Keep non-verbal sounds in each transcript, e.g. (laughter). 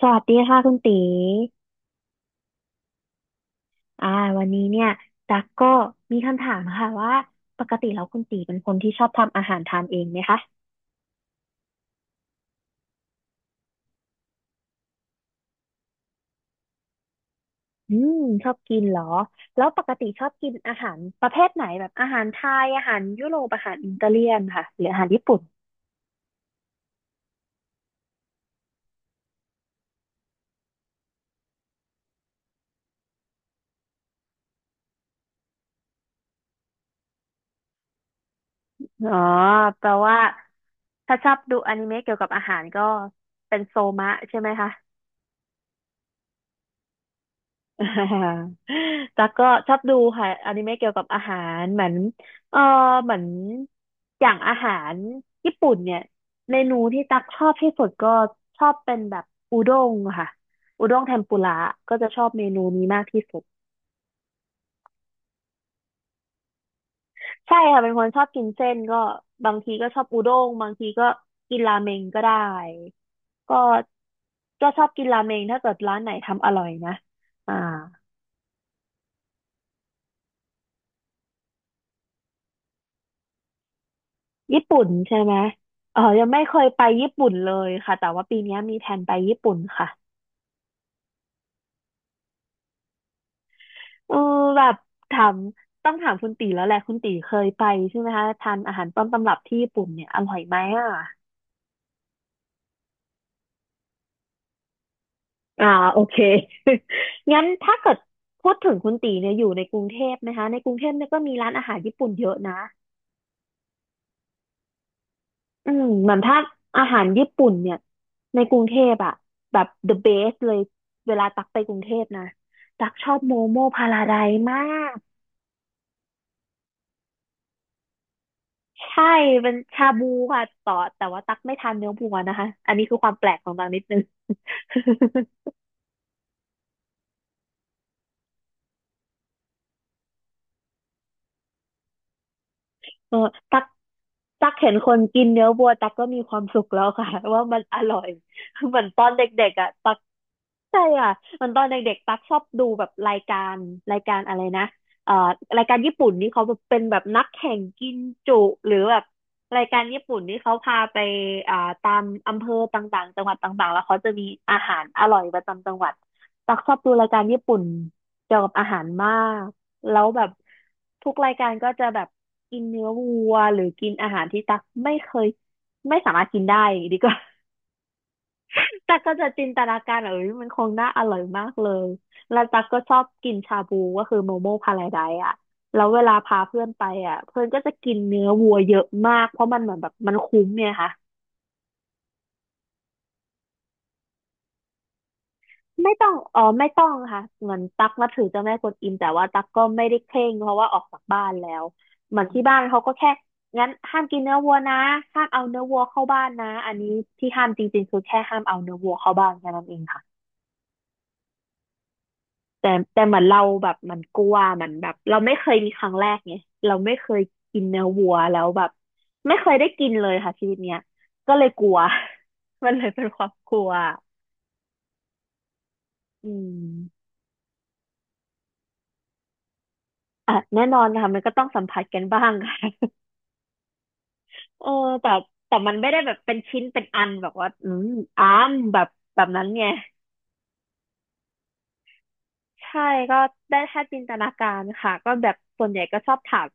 สวัสดีค่ะคุณตีอ่าวันนี้เนี่ยตักก็มีคำถามค่ะว่าปกติแล้วคุณตีเป็นคนที่ชอบทำอาหารทานเองไหมคะอืมชอบกินเหรอแล้วปกติชอบกินอาหารประเภทไหนแบบอาหารไทยอาหารยุโรปอาหารอิตาเลียนค่ะหรืออาหารญี่ปุ่นอ๋อแปลว่าถ้าชอบดูอนิเมะเกี่ยวกับอาหารก็เป็นโซมะใช่ไหมคะ (laughs) อ่าตั๊กก็ชอบดูค่ะอนิเมะเกี่ยวกับอาหารเหมือนเออเหมือนอย่างอาหารญี่ปุ่นเนี่ยเมนูที่ตั๊กชอบที่สุดก็ชอบเป็นแบบอุด้งค่ะอุด้งเทมปุระก็จะชอบเมนูนี้มากที่สุดใช่ค่ะเป็นคนชอบกินเส้นก็บางทีก็ชอบอุด้งบางทีก็กินราเมงก็ได้ก็ชอบกินราเมงถ้าเกิดร้านไหนทำอร่อยนะอ่า ญี่ปุ่นใช่ไหมเออยังไม่เคยไปญี่ปุ่นเลยค่ะแต่ว่าปีเนี้ยมีแผนไปญี่ปุ่นค่ะเออแบบถามต้องถามคุณตีแล้วแหละคุณตีเคยไปใช่ไหมคะทานอาหารต้นตำรับที่ญี่ปุ่นเนี่ยอร่อยไหมอ่ะอ่าโอเค (laughs) งั้นถ้าเกิดพูดถึงคุณตีเนี่ยอยู่ในกรุงเทพนะคะในกรุงเทพเนี่ยก็มีร้านอาหารญี่ปุ่นเยอะนะอืมเหมือนถ้าอาหารญี่ปุ่นเนี่ยในกรุงเทพอะแบบ the best เลยเวลาตักไปกรุงเทพนะตักชอบโมโมพาราไดซ์มาก ใช่เป็นชาบูค่ะต่อแต่ว่าตักไม่ทานเนื้อวัวนะคะ อันนี้คือความแปลกของตักนิดนึง เออตักตักเห็นคนกินเนื้อวัวตักก็มีความสุขแล้วค่ะ (laughs) ว่ามันอร่อย (laughs) เหมือนตอนเด็กๆอ่ะตักใช่อ่ะเหมันตอนเด็กๆตักชอบดูแบบรายการรายการอะไรนะเอ่อรายการญี่ปุ่นนี่เขาเป็นแบบนักแข่งกินจุหรือแบบรายการญี่ปุ่นนี่เขาพาไปอ่าตามอำเภอต่างๆจังหวัดต่างๆแล้วเขาจะมีอาหารอร่อยประจำจังหวัดตักชอบดูรายการญี่ปุ่นเกี่ยวกับอาหารมาก แล้วแบบทุกรายการก็จะแบบกินเนื้อวัวหรือกินอาหารที่ตักไม่เคยไม่สามารถกินได้ดีกว่า (laughs) ตักก็จะจินตนาการเออ มันคงน่าอร่อยมากเลยแล้วตักก็ชอบกินชาบูก็คือโมโมพาราไดซ์อ่ะแล้วเวลาพาเพื่อนไปอ่ะเพื่อนก็จะกินเนื้อวัวเยอะมากเพราะมันเหมือนแบบมันคุ้มเนี่ยค่ะ ไม่ต้องอ๋อไม่ต้องค่ะเหมือนตักนับถือเจ้าแม่กวนอิมแต่ว่าตักก็ไม่ได้เคร่งเพราะว่าออกจากบ้านแล้วเหมือนที่บ้านเขาก็แค่งั้นห้ามกินเนื้อวัวนะห้ามเอาเนื้อวัวเข้าบ้านนะอันนี้ที่ห้ามจริงๆคือแค่ห้ามเอาเนื้อวัวเข้าบ้านแค่นั้นเองค่ะแต่เหมือนเราแบบมันกลัวมันแบบเราไม่เคยมีครั้งแรกไงเราไม่เคยกินเนื้อวัวแล้วแบบไม่เคยได้กินเลยค่ะชีวิตเนี้ยก็เลยกลัว (laughs) มันเลยเป็นความกลัวอืมอ่ะแน่นอนค่ะมันก็ต้องสัมผัสกันบ้างค่ะ เออแต่มันไม่ได้แบบเป็นชิ้นเป็นอันแบบว่าอืมอันแบบแบบนั้นไงใช่ก็ได้แค่จินตนาการค่ะก็แบบส่วนใหญ่ก็ชอบถาม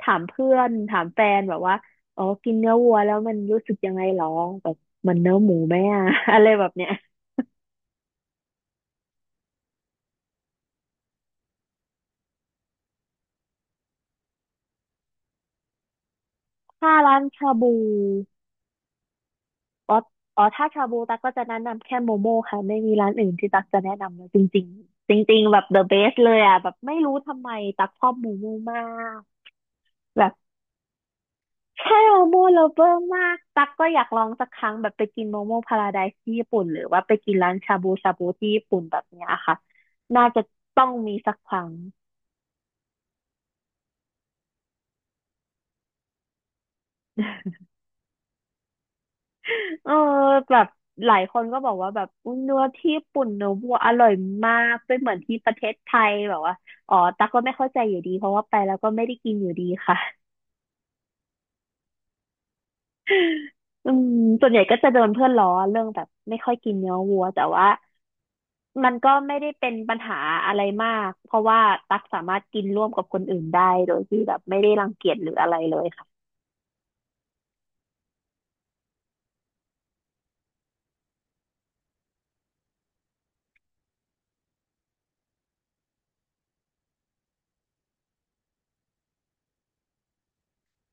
ถามเพื่อนถามแฟนแบบว่าอ๋อกินเนื้อวัวแล้วมันรู้สึกยังไงหรอแบบมันเนื้อหมูไหมอะ (laughs) อะไรแบบเนี้ยถ้าร้านชาบูอ๋ออ๋อถ้าชาบูตั๊กก็จะแนะนำแค่โมโม่ค่ะไม่มีร้านอื่นที่ตั๊กจะแนะนำเลยจริงๆจริงๆแบบ the best เลยอ่ะแบบไม่รู้ทำไมตั๊กชอบโมโม่มากแบบ ใช่โมโม่ลเวอร์มากตักก็อยากลองสักครั้งแบบไปกินโมโมพาราไดซ์ที่ญี่ปุ่นหรือว่าไปกินร้านชาบูชาบูที่ญี่ปุ่นแบบเนี้ยค่ะน่าจะต้องมีสักครั้ง (laughs) เออแบบหลายคนก็บอกว่าแบบอุ๊ยเนื้อที่ญี่ปุ่นเนื้อวัวอร่อยมากไม่เหมือนที่ประเทศไทยแบบว่าอ๋อตักก็ไม่เข้าใจอยู่ดีเพราะว่าไปแล้วก็ไม่ได้กินอยู่ดีค่ะ (laughs) อืมส่วนใหญ่ก็จะโดนเพื่อนล้อเรื่องแบบไม่ค่อยกินเนื้อวัวแต่ว่า มันก็ไม่ได้เป็นปัญหาอะไรมากเพราะว่าตักสามารถกินร่วมกับคนอื่นได้โดยที่แบบไม่ได้รังเกียจหรืออะไรเลยค่ะ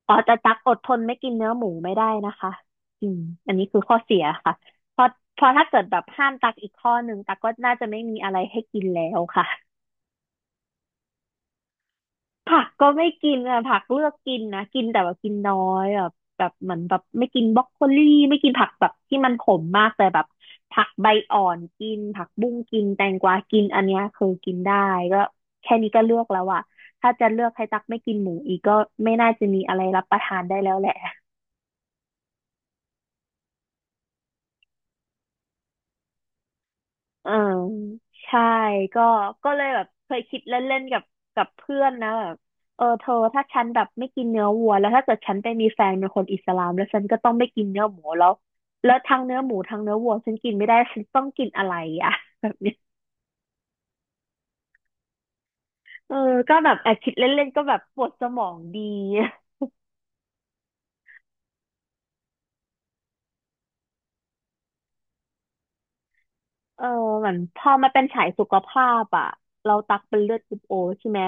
อ๋อแต่ตักอดทนไม่กินเนื้อหมูไม่ได้นะคะอืมอันนี้คือข้อเสียค่ะเพราะเพราะถ้าเกิดแบบห้ามตักอีกข้อหนึ่งตักก็น่าจะไม่มีอะไรให้กินแล้วค่ะ ผักก็ไม่กินอะผักเลือกกินนะกินแต่ว่ากินน้อยแบบเหมือนแบบไม่กินบรอกโคลี่ไม่กินผักแบบที่มันขมมากแต่แบบผักใบอ่อนกินผักบุ้งกินแตงกวากินอันเนี้ยคือกินได้ก็แค่นี้ก็เลือกแล้วอะถ้าจะเลือกให้ตักไม่กินหมูอีกก็ไม่น่าจะมีอะไรรับประทานได้แล้วแหละ อ่าใช่ก็ก็เลยแบบเคยคิดเล่นๆกับเพื่อนนะแบบเออเธอถ้าฉันแบบไม่กินเนื้อวัวแล้วถ้าเกิดฉันไปมีแฟนเป็นคนอิสลามแล้วฉันก็ต้องไม่กินเนื้อหมูแล้วแล้วทั้งเนื้อหมูทั้งเนื้อวัวฉันกินไม่ได้ฉันต้องกินอะไรอ่ะแบบเนี้ยเออก็แบบแอบคิดเล่นๆก็แบบปวดสมองดี เออเหมือนพอมันเป็นฉายสุขภาพอ่ะเราตักเป็นเลือดกรุ๊ปโอใช่ไหม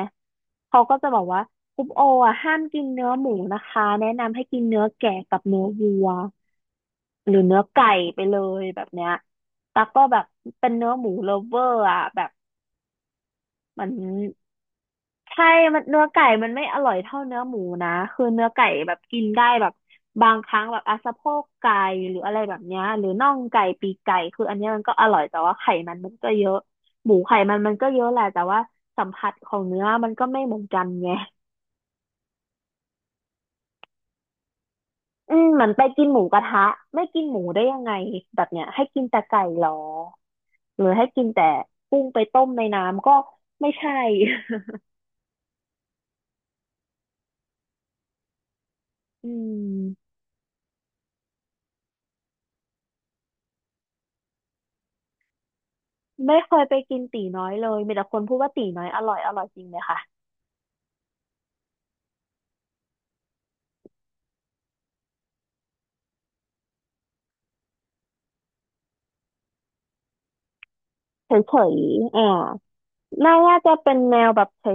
เขาก็จะบอกว่ากรุ๊ปโออ่ะห้ามกินเนื้อหมูนะคะแนะนำให้กินเนื้อแกะกับเนื้อวัวหรือเนื้อไก่ไปเลยแบบเนี้ยตักก็แบบเป็นเนื้อหมูเล v ฟเวอร์อ่ะแบบเหมัน ใช่มันเนื้อไก่มันไม่อร่อยเท่าเนื้อหมูนะคือเนื้อไก่แบบกินได้แบบบางครั้งแบบอ่ะสะโพกไก่หรืออะไรแบบเนี้ยหรือน่องไก่ปีกไก่คืออันเนี้ยมันก็อร่อยแต่ว่าไขมันมันก็เยอะหมูไขมันมันก็เยอะแหละแต่ว่าสัมผัสของเนื้อมันก็ไม่เหมือนกันไงอืมเหมือนไปกินหมูกระทะไม่กินหมูได้ยังไงแบบเนี้ยให้กินแต่ไก่เหรอหรือให้กินแต่กุ้งไปต้มในน้ำก็ไม่ใช่ (laughs) อืม ไม่เคยไปกินตี๋น้อยเลยมีแต่คนพูดว่าตี๋น้อยอร่อยอร่อยจริงไหมคะเฉยๆฉอ่าน่าน่าจะเป็นแนวแบบเฉ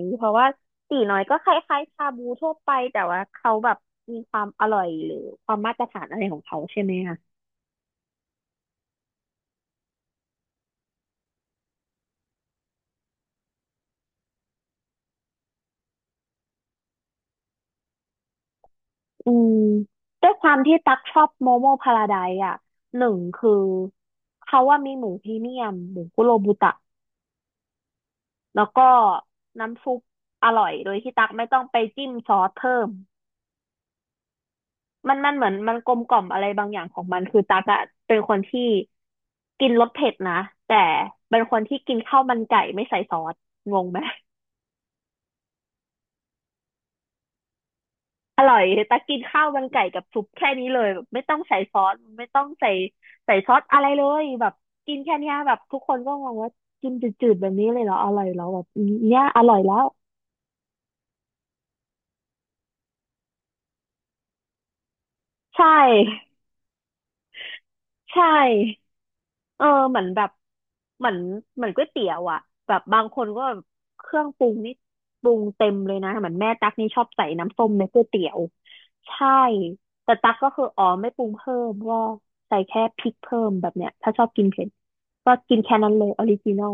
ยๆเพราะว่าตี๋น้อยก็คล้ายๆชาบูทั่วไปแต่ว่าเขาแบบมีความอร่อยหรือความมาตรฐานอะไรของเขาใช่ไหมคะอืมด้วยความที่ตักชอบโมโมพาราไดซ์อ่ะหนึ่งคือเขาว่ามีหมูพรีเมียมหมูคุโรบุตะแล้วก็น้ำซุปอร่อยโดยที่ตักไม่ต้องไปจิ้มซอสเพิ่ม มันเหมือนมันกลมกล่อมอะไรบางอย่างของมันคือตักอะเป็นคนที่กินรสเผ็ดนะแต่เป็นคนที่กินข้าวมันไก่ไม่ใส่ซอสงงไหมอร่อยตักกินข้าวมันไก่กับซุปแค่นี้เลยแบบไม่ต้องใส่ซอสไม่ต้องใส่ใส่ซอสอะไรเลยแบบกินแค่เนี้ยแบบทุกคนก็งงว่ากินจืดๆแบบนี้เลยเหรออร่อยแล้วแบบเนี้ยอร่อยแล้วใช่ใช่ เออเหมือนแบบเหมือนเหมือนก๋วยเตี๋ยวอ่ะแบบบางคนก็แบบเครื่องปรุงนี่ปรุงเต็มเลยนะเหมือนแม่ตั๊กนี่ชอบใส่น้ำส้มในก๋วยเตี๋ยวใช่แต่ตั๊กก็คืออ๋อไม่ปรุงเพิ่มก็ใส่แค่พริกเพิ่มแบบเนี้ยถ้าชอบกินเผ็ดก็กินแค่นั้นเลยออริจินอล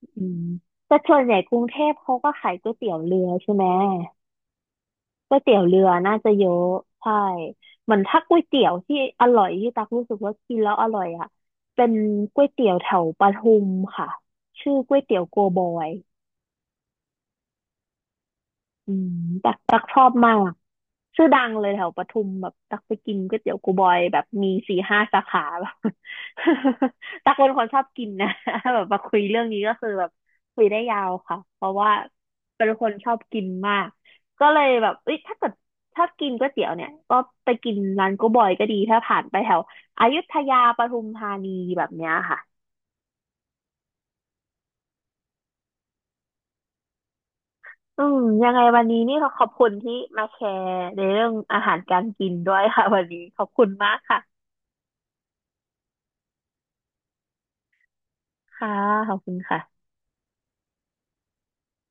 อืมแต่ส่วนใหญ่กรุงเทพเขาก็ขายก๋วยเตี๋ยวเรือใช่ไหม ก๋วยเตี๋ยวเรือน่าจะเยอะใช่เหมือนถ้าก๋วยเตี๋ยวที่อร่อยที่ตักรู้สึกว่ากินแล้วอร่อยอ่ะเป็นก๋วยเตี๋ยวแถวปทุมค่ะชื่อก๋วยเตี๋ยวโกบอยอืมตักชอบมาก ชื่อดังเลยแถวปทุมแบบตักไปกินก๋วยเตี๋ยวกูบอยแบบมี4-5สาขาแบบ (laughs) ตักเป็นคนชอบกินนะ (laughs) แบบมาคุยเรื่องนี้ก็คือแบบคุยได้ยาวค่ะเพราะว่าเป็นคนชอบกินมากก็เลยแบบเอ้ยถ้าเกิดชอบกินก๋วยเตี๋ยวเนี่ยก็ไปกินร้านกูบอยก็ดีถ้าผ่านไปแถวอยุธยาปทุมธานีแบบเนี้ยค่ะอืมยังไงวันนี้นี่เราขอบคุณที่มาแชร์ในเรื่องอาหารการกินด้วยค่ะ (laughs) วันนี้ขอบคุณมากค่ะค่ะขอบคุณค่ะ